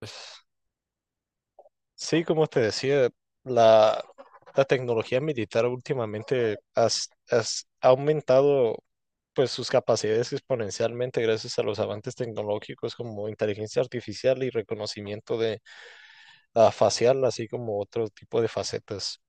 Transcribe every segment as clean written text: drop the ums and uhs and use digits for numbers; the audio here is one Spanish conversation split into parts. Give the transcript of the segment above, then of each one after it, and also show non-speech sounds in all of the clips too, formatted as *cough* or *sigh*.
Pues, Sí, como te decía, la, la tecnología militar últimamente ha aumentado pues sus capacidades exponencialmente gracias a los avances tecnológicos como inteligencia artificial y reconocimiento facial, así como otro tipo de facetas.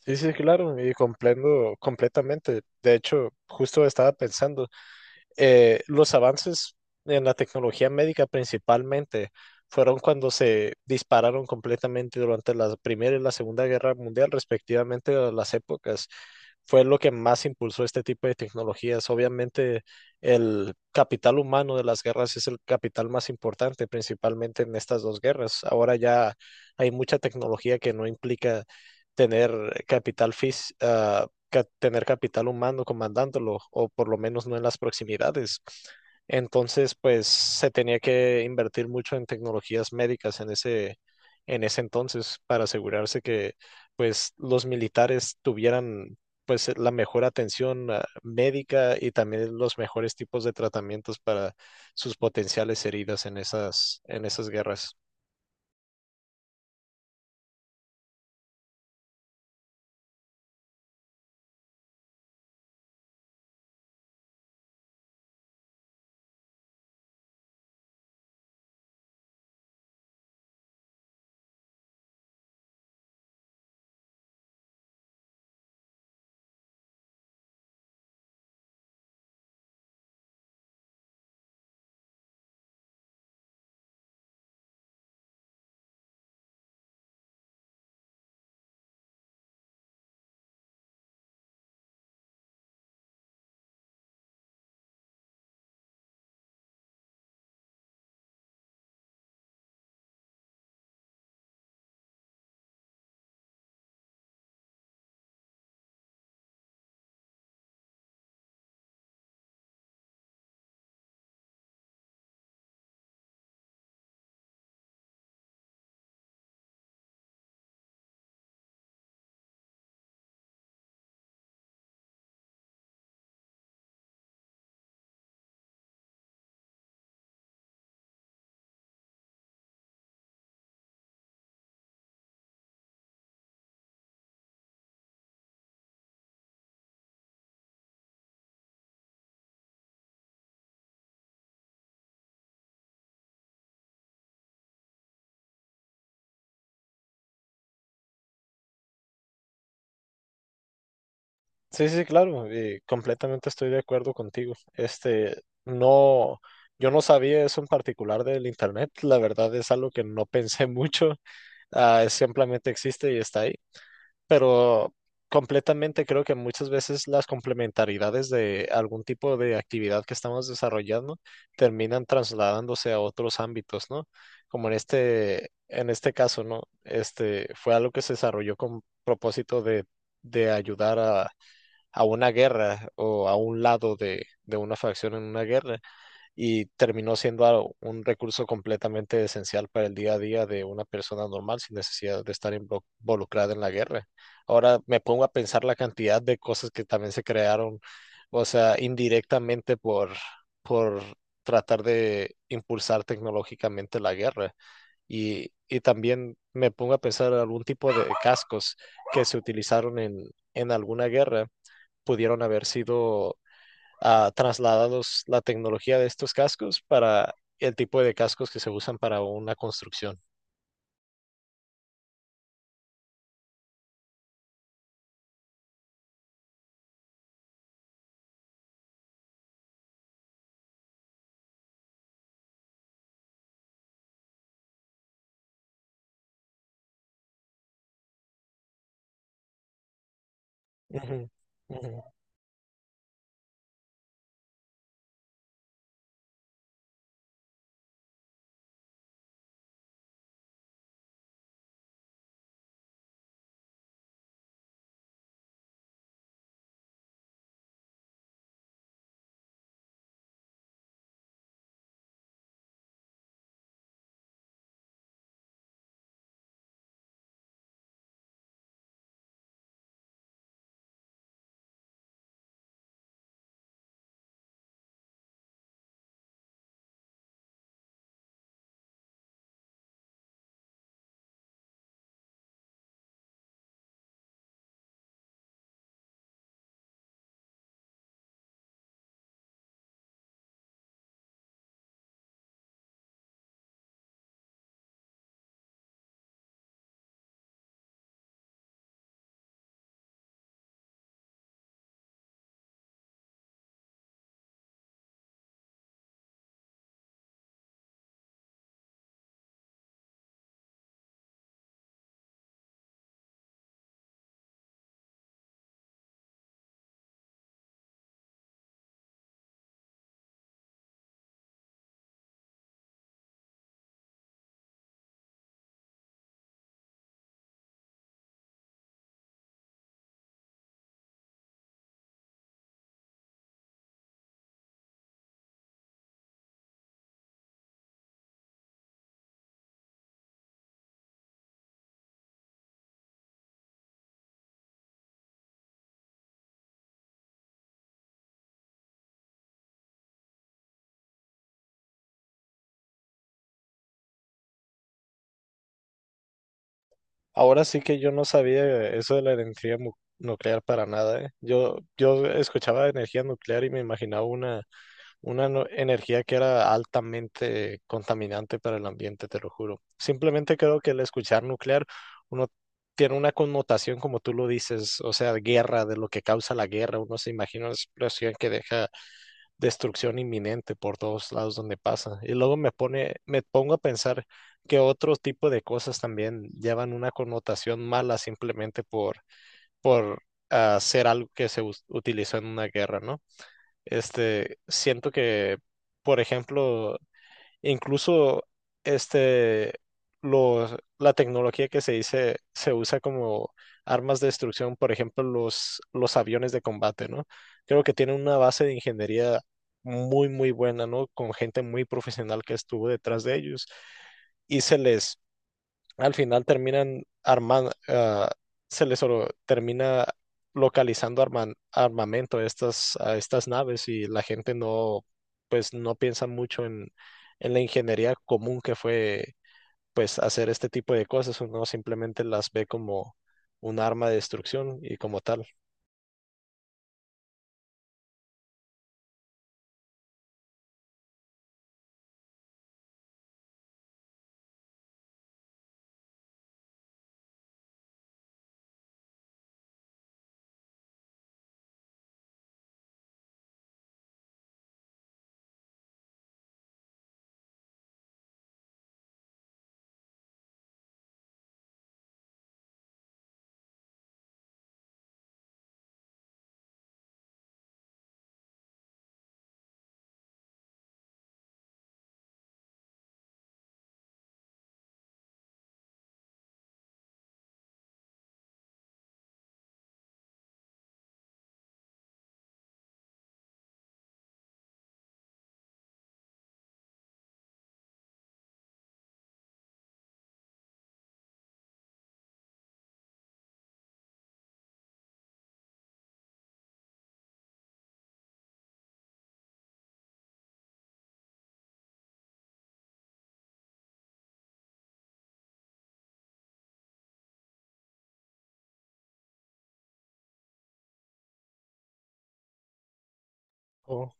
Sí, sí, claro, y comprendo completamente. De hecho, justo estaba pensando, los avances en la tecnología médica principalmente fueron cuando se dispararon completamente durante la Primera y la Segunda Guerra Mundial, respectivamente, a las épocas. Fue lo que más impulsó este tipo de tecnologías. Obviamente, el capital humano de las guerras es el capital más importante, principalmente en estas dos guerras. Ahora ya hay mucha tecnología que no implica tener capital fis- ah, ca- tener capital humano comandándolo, o por lo menos no en las proximidades. Entonces, pues se tenía que invertir mucho en tecnologías médicas en ese entonces para asegurarse que pues los militares tuvieran pues la mejor atención médica y también los mejores tipos de tratamientos para sus potenciales heridas en esas guerras. Sí, sí, claro, y completamente estoy de acuerdo contigo. Este, no, yo no sabía eso en particular del internet, la verdad es algo que no pensé *laughs* mucho, es simplemente existe y está ahí, pero completamente creo que muchas veces las complementaridades de algún tipo de actividad que estamos desarrollando terminan trasladándose a otros ámbitos, ¿no? Como en este caso, ¿no? Este, fue algo que se desarrolló con propósito de ayudar a una guerra o a un lado de una facción en una guerra y terminó siendo un recurso completamente esencial para el día a día de una persona normal sin necesidad de estar involucrada en la guerra. Ahora me pongo a pensar la cantidad de cosas que también se crearon, o sea, indirectamente por tratar de impulsar tecnológicamente la guerra. Y también me pongo a pensar algún tipo de cascos que se utilizaron en alguna guerra pudieron haber sido trasladados la tecnología de estos cascos para el tipo de cascos que se usan para una construcción. Ujú, ujú. Ahora sí que yo no sabía eso de la nuclear para nada, ¿eh? Yo escuchaba de energía nuclear y me imaginaba una una energía que era altamente contaminante para el ambiente, te lo juro. Simplemente creo que el escuchar nuclear, uno tiene una connotación, como tú lo dices, o sea, guerra, de lo que causa la guerra. Uno se imagina una explosión que deja destrucción inminente por todos lados donde pasa. Y luego me pongo a pensar que otro tipo de cosas también llevan una connotación mala simplemente por ser algo que se utilizó en una guerra, ¿no? Este, siento que, por ejemplo, incluso este, la tecnología que se dice se usa como armas de destrucción, por ejemplo, los aviones de combate, ¿no? Creo que tienen una base de ingeniería muy buena, ¿no? Con gente muy profesional que estuvo detrás de ellos y se les al final terminan armando, termina localizando armamento a a estas naves y la gente no, pues no piensa mucho en la ingeniería común que fue, pues hacer este tipo de cosas, uno simplemente las ve como un arma de destrucción y como tal. Oh.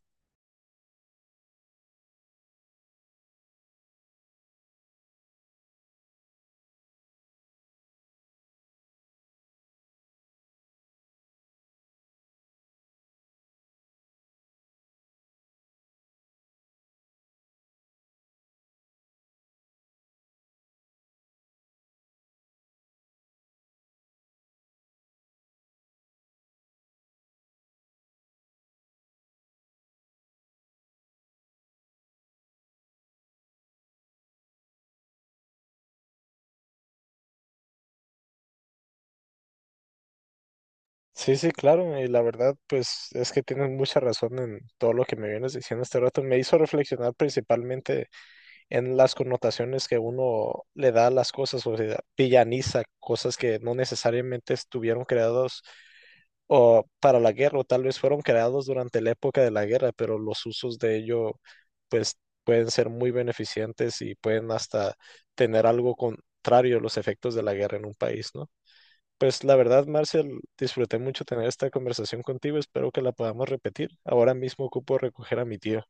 Sí, sí, claro, y la verdad, pues es que tienes mucha razón en todo lo que me vienes diciendo este rato. Me hizo reflexionar principalmente en las connotaciones que uno le da a las cosas, o sea, villaniza cosas que no necesariamente estuvieron creados o para la guerra, o tal vez fueron creados durante la época de la guerra, pero los usos de ello, pues, pueden ser muy beneficientes y pueden hasta tener algo contrario a los efectos de la guerra en un país, ¿no? Pues la verdad, Marcel, disfruté mucho tener esta conversación contigo, espero que la podamos repetir. Ahora mismo ocupo recoger a mi tío.